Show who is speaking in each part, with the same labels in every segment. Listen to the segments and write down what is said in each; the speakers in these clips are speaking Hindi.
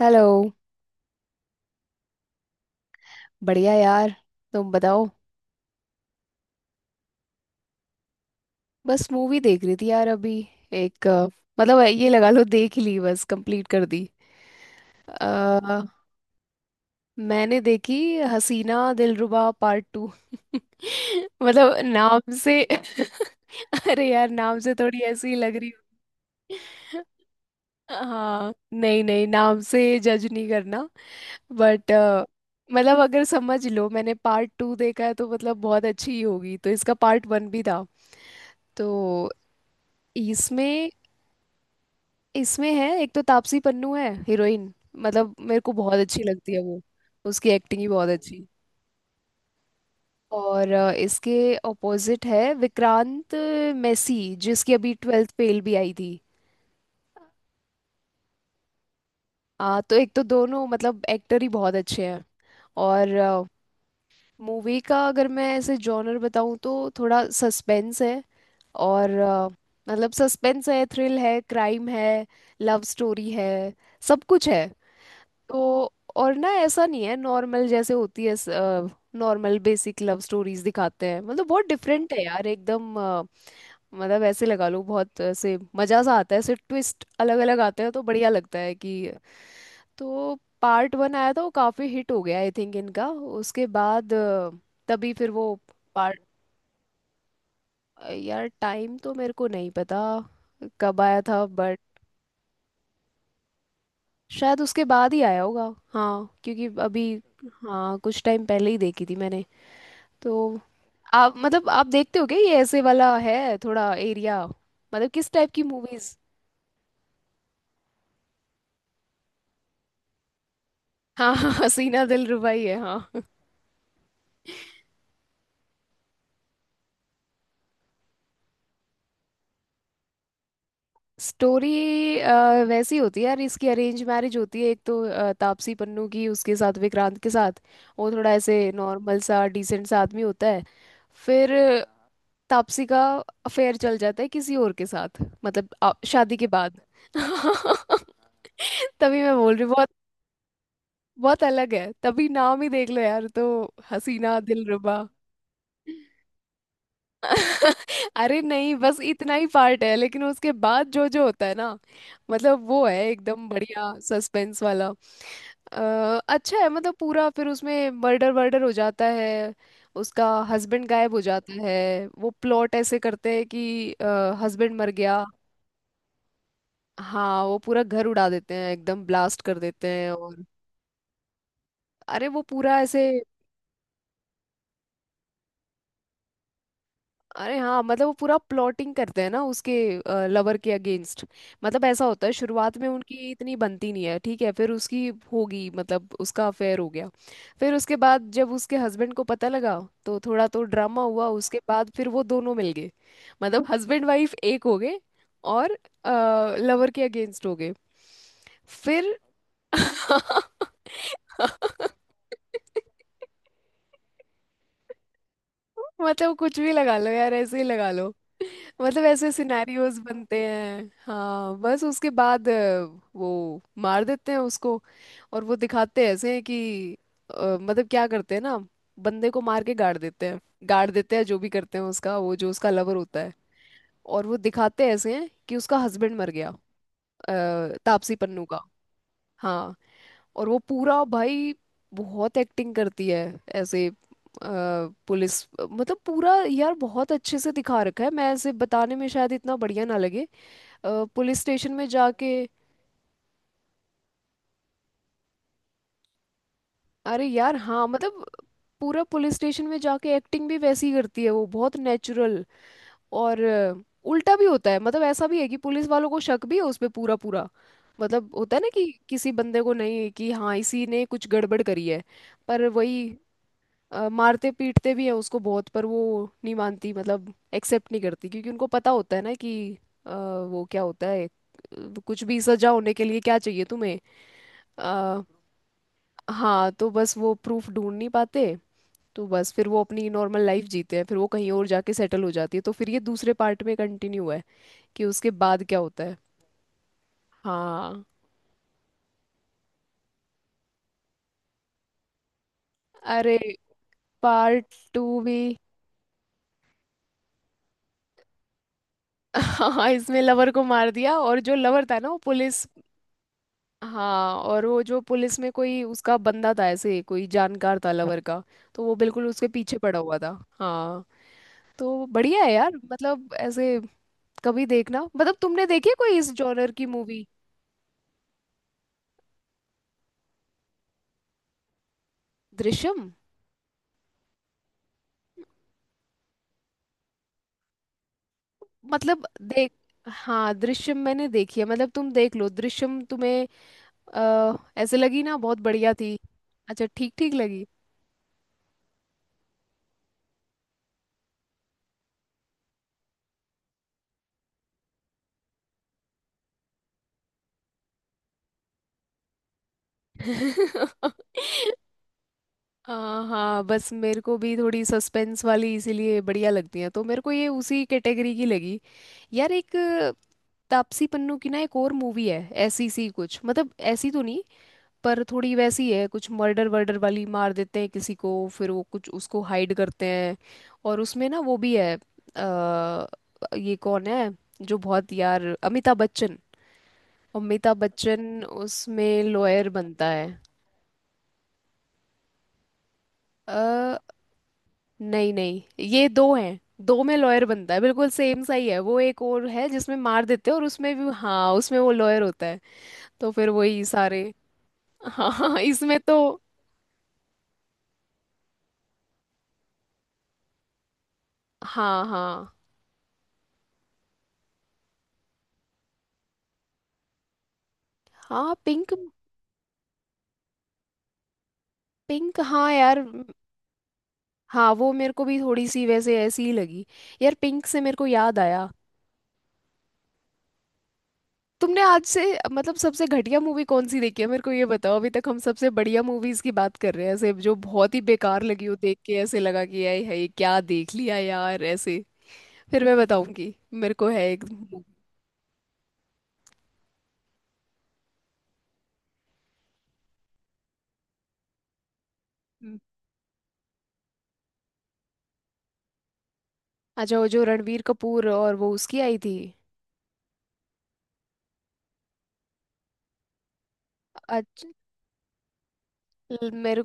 Speaker 1: हेलो। बढ़िया यार, तुम बताओ। बस मूवी देख रही थी यार अभी। एक मतलब ये लगा लो, देख ही ली बस, कंप्लीट कर दी। अ, मैंने देखी हसीना दिलरुबा पार्ट टू। मतलब नाम से अरे यार, नाम से थोड़ी ऐसी ही लग रही हूँ। हाँ, नहीं नहीं, नाम से जज नहीं करना, बट मतलब अगर समझ लो मैंने पार्ट टू देखा है तो मतलब बहुत अच्छी ही होगी, तो इसका पार्ट वन भी था। तो इसमें इसमें है एक तो तापसी पन्नू है हीरोइन। मतलब मेरे को बहुत अच्छी लगती है वो। उसकी एक्टिंग ही बहुत अच्छी। और इसके ऑपोजिट है विक्रांत मैसी, जिसकी अभी ट्वेल्थ फेल भी आई थी। तो एक तो दोनों मतलब एक्टर ही बहुत अच्छे हैं और मूवी का अगर मैं ऐसे जॉनर बताऊं तो थोड़ा सस्पेंस है और मतलब सस्पेंस है, थ्रिल है, क्राइम है, लव स्टोरी है, सब कुछ है तो। और ना ऐसा नहीं है नॉर्मल जैसे होती है, नॉर्मल बेसिक लव स्टोरीज दिखाते हैं, मतलब बहुत डिफरेंट है यार एकदम। मतलब ऐसे लगा लो बहुत ऐसे मजा सा आता है, ऐसे ट्विस्ट अलग अलग आते हैं तो बढ़िया लगता है कि तो पार्ट वन आया था, वो काफी हिट हो गया आई थिंक इनका, उसके बाद तभी फिर वो पार्ट। यार टाइम तो मेरे को नहीं पता कब आया था, बट शायद उसके बाद ही आया होगा। हाँ क्योंकि अभी। हाँ, कुछ टाइम पहले ही देखी थी मैंने तो। आप मतलब आप देखते हो क्या ये ऐसे वाला है थोड़ा एरिया, मतलब किस टाइप की मूवीज? हाँ हाँ, सीना दिल रुबाई है हाँ। स्टोरी वैसी होती है यार, इसकी अरेंज मैरिज होती है एक तो तापसी पन्नू की, उसके साथ विक्रांत के साथ। वो थोड़ा ऐसे नॉर्मल सा डिसेंट सा आदमी होता है। फिर तापसी का अफेयर चल जाता है किसी और के साथ, मतलब शादी के बाद। तभी मैं बोल रही हूँ बहुत। बहुत अलग है, तभी नाम ही देख लो यार तो, हसीना दिलरुबा। अरे नहीं, बस इतना ही पार्ट है लेकिन उसके बाद जो जो होता है ना, मतलब वो है एकदम बढ़िया सस्पेंस वाला। अच्छा है, मतलब पूरा फिर उसमें मर्डर वर्डर हो जाता है। उसका हस्बैंड गायब हो जाता है, वो प्लॉट ऐसे करते हैं कि हस्बैंड मर गया। हाँ, वो पूरा घर उड़ा देते हैं, एकदम ब्लास्ट कर देते हैं और। अरे वो पूरा ऐसे। अरे हाँ, मतलब वो पूरा प्लॉटिंग करते हैं ना उसके लवर के अगेंस्ट। मतलब ऐसा होता है शुरुआत में उनकी इतनी बनती नहीं है, ठीक है फिर उसकी होगी, मतलब उसका अफेयर हो गया। फिर उसके बाद जब उसके हस्बैंड को पता लगा तो थोड़ा तो ड्रामा हुआ, उसके बाद फिर वो दोनों मिल गए, मतलब हस्बैंड वाइफ एक हो गए और लवर के अगेंस्ट हो गए फिर। मतलब कुछ भी लगा लो यार, ऐसे ही लगा लो। मतलब ऐसे सिनेरियोज बनते हैं। हाँ बस उसके बाद वो मार देते हैं उसको, और वो दिखाते ऐसे हैं कि मतलब क्या करते हैं ना, बंदे को मार के गाड़ देते हैं, गाड़ देते हैं जो भी करते हैं उसका, वो जो उसका लवर होता है। और वो दिखाते ऐसे हैं कि उसका हस्बैंड मर गया, तापसी पन्नू का। हाँ और वो पूरा भाई बहुत एक्टिंग करती है, ऐसे पुलिस, मतलब पूरा यार बहुत अच्छे से दिखा रखा है, मैं ऐसे बताने में शायद इतना बढ़िया ना लगे, पुलिस स्टेशन में जाके। अरे यार हाँ, मतलब पूरा पुलिस स्टेशन में जाके एक्टिंग भी वैसी ही करती है वो बहुत नेचुरल। और उल्टा भी होता है, मतलब ऐसा भी है कि पुलिस वालों को शक भी है उस पे पूरा पूरा। मतलब होता है ना कि किसी बंदे को, नहीं कि हाँ इसी ने कुछ गड़बड़ करी है, पर वही मारते पीटते भी हैं उसको बहुत, पर वो नहीं मानती, मतलब एक्सेप्ट नहीं करती क्योंकि उनको पता होता है ना कि अ, वो क्या होता है, कुछ भी सजा होने के लिए क्या चाहिए तुम्हें? अ, हाँ तो बस वो प्रूफ ढूंढ नहीं पाते। तो बस फिर वो अपनी नॉर्मल लाइफ जीते हैं, फिर वो कहीं और जाके सेटल हो जाती है तो फिर ये दूसरे पार्ट में कंटिन्यू है कि उसके बाद क्या होता है। हाँ। अरे पार्ट टू भी। हाँ इसमें लवर को मार दिया, और जो लवर था ना वो पुलिस। हाँ, और वो जो पुलिस में कोई उसका बंदा था, ऐसे कोई जानकार था लवर का, तो वो बिल्कुल उसके पीछे पड़ा हुआ था। हाँ। तो बढ़िया है यार, मतलब ऐसे कभी देखना। मतलब तुमने देखी है कोई इस जॉनर की मूवी? दृश्यम, मतलब देख। हाँ दृश्यम मैंने देखी है, मतलब तुम देख लो दृश्यम तुम्हें अ, ऐसे लगी ना, बहुत बढ़िया थी। अच्छा, ठीक ठीक लगी। हाँ हाँ, बस मेरे को भी थोड़ी सस्पेंस वाली इसीलिए बढ़िया लगती है, तो मेरे को ये उसी कैटेगरी की लगी। यार एक तापसी पन्नू की ना एक और मूवी है ऐसी सी कुछ, मतलब ऐसी तो नहीं पर थोड़ी वैसी है, कुछ मर्डर वर्डर वाली, मार देते हैं किसी को फिर वो कुछ उसको हाइड करते हैं, और उसमें ना वो भी है अ, ये कौन है जो बहुत यार, अमिताभ बच्चन। अमिताभ बच्चन उसमें लॉयर बनता है। नहीं नहीं, ये दो हैं। दो में लॉयर बनता है, बिल्कुल सेम सा ही है। वो एक और है जिसमें मार देते हैं और उसमें भी हाँ, उसमें वो लॉयर होता है। तो फिर वही सारे। हाँ हाँ हाँ, इसमें तो। हाँ हाँ हाँ, पिंक। पिंक हाँ यार हाँ वो मेरे को भी थोड़ी सी वैसे ऐसी ही लगी। यार पिंक से मेरे को याद आया। तुमने आज से, मतलब सबसे घटिया मूवी कौन सी देखी है मेरे को ये बताओ? अभी तक हम सबसे बढ़िया मूवीज की बात कर रहे हैं, ऐसे जो बहुत ही बेकार लगी हो, देख के ऐसे लगा कि यार ये क्या देख लिया यार ऐसे। फिर मैं बताऊंगी। मेरे को है एक। हम्म। अच्छा वो जो रणबीर कपूर, और वो उसकी आई थी। अच्छा, मेरे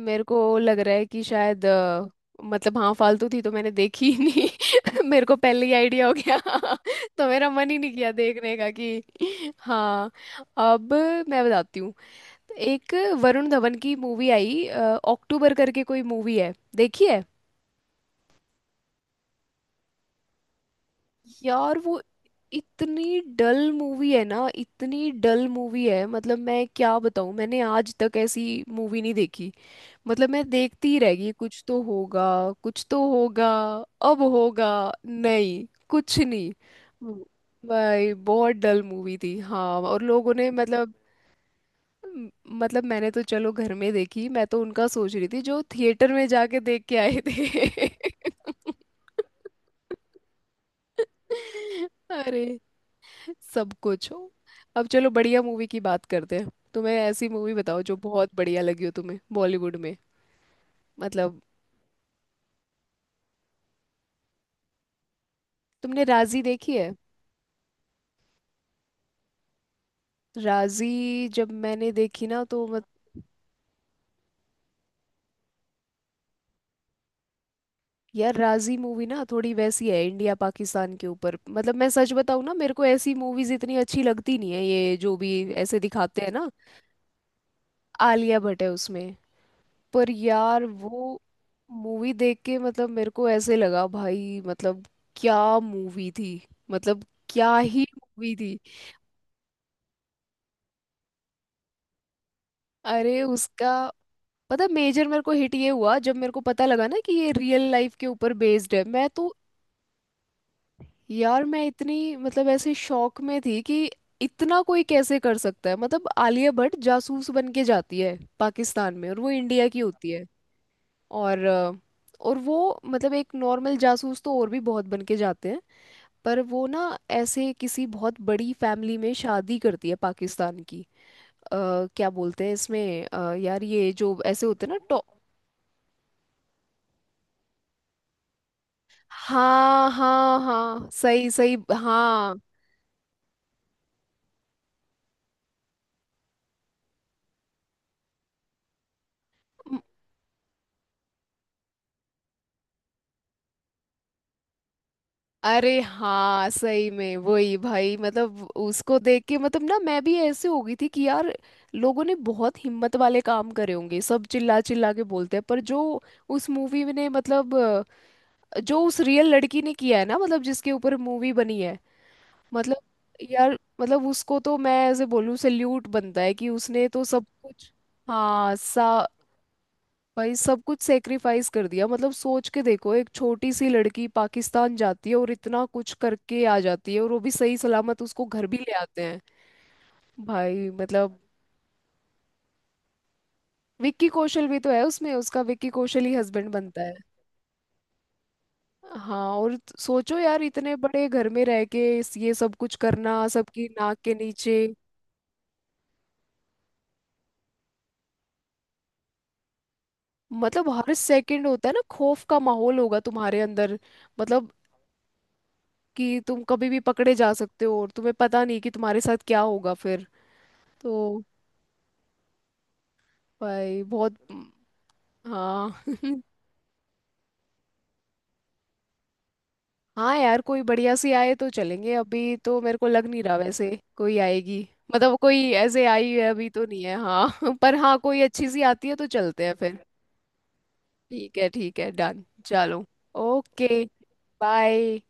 Speaker 1: मेरे को लग रहा है कि शायद मतलब हाँ, फालतू थी तो मैंने देखी ही नहीं। मेरे को पहले ही आइडिया हो गया। तो मेरा मन ही नहीं किया देखने का कि। हाँ। अब मैं बताती हूँ। एक वरुण धवन की मूवी आई अक्टूबर करके कोई मूवी है, देखी है? यार वो इतनी डल मूवी है ना, इतनी डल मूवी है, मतलब मैं क्या बताऊं, मैंने आज तक ऐसी मूवी नहीं देखी। मतलब मैं देखती ही रह गई, कुछ तो होगा, कुछ तो होगा, अब होगा, नहीं कुछ नहीं। हम्म। भाई बहुत डल मूवी थी हाँ। और लोगों ने मतलब म- मतलब मैंने तो चलो घर में देखी, मैं तो उनका सोच रही थी जो थिएटर में जाके देख के आए थे। अरे सब कुछ हो। अब चलो, बढ़िया मूवी की बात करते हैं। तुम्हें ऐसी मूवी बताओ जो बहुत बढ़िया लगी हो तुम्हें बॉलीवुड में। मतलब तुमने राजी देखी है? राजी जब मैंने देखी ना तो मत। यार राजी मूवी ना थोड़ी वैसी है, इंडिया पाकिस्तान के ऊपर, मतलब मैं सच बताऊँ ना, मेरे को ऐसी मूवीज इतनी अच्छी लगती नहीं है, ये जो भी ऐसे दिखाते हैं ना। आलिया भट्ट है उसमें। पर यार वो मूवी देख के, मतलब मेरे को ऐसे लगा भाई मतलब क्या मूवी थी। मतलब क्या ही मूवी थी। अरे उसका पता, मेजर मेरे को हिट ये हुआ जब मेरे को पता लगा ना कि ये रियल लाइफ के ऊपर बेस्ड है, मैं तो। यार मैं इतनी, मतलब ऐसे शौक में थी कि इतना कोई कैसे कर सकता है, मतलब आलिया भट्ट जासूस बन के जाती है पाकिस्तान में और वो इंडिया की होती है। और और वो मतलब एक नॉर्मल जासूस तो और भी बहुत बन के जाते हैं, पर वो ना ऐसे किसी बहुत बड़ी फैमिली में शादी करती है पाकिस्तान की। अ, क्या बोलते हैं इसमें, यार ये जो ऐसे होते हैं ना टॉप। हाँ हाँ हाँ, सही सही हाँ। म- अरे हाँ, सही में वही भाई, मतलब उसको देख के मतलब ना मैं भी ऐसे हो गई थी कि यार लोगों ने बहुत हिम्मत वाले काम करे होंगे, सब चिल्ला चिल्ला के बोलते हैं, पर जो उस मूवी में ने मतलब जो उस रियल लड़की ने किया है ना, मतलब जिसके ऊपर मूवी बनी है, मतलब यार मतलब उसको तो मैं ऐसे बोलूं सल्यूट बनता है कि उसने तो सब कुछ। हाँ सा भाई, सब कुछ सेक्रिफाइस कर दिया। मतलब सोच के देखो, एक छोटी सी लड़की पाकिस्तान जाती है और इतना कुछ करके आ जाती है और वो भी सही सलामत, उसको घर भी ले आते हैं भाई, मतलब विक्की कौशल भी तो है उसमें, उसका विक्की कौशल ही हस्बैंड बनता है। हाँ और सोचो यार, इतने बड़े घर में रह के ये सब कुछ करना सबकी नाक के नीचे, मतलब हर सेकंड होता है ना खौफ का माहौल होगा तुम्हारे अंदर, मतलब कि तुम कभी भी पकड़े जा सकते हो और तुम्हें पता नहीं कि तुम्हारे साथ क्या होगा फिर, तो भाई बहुत। हाँ। हाँ यार, कोई बढ़िया सी आए तो चलेंगे, अभी तो मेरे को लग नहीं रहा वैसे कोई आएगी। मतलब कोई ऐसे आई है अभी तो नहीं है हाँ। पर हाँ, कोई अच्छी सी आती है तो चलते हैं फिर। ठीक है डन, चलो। ओके। बाय।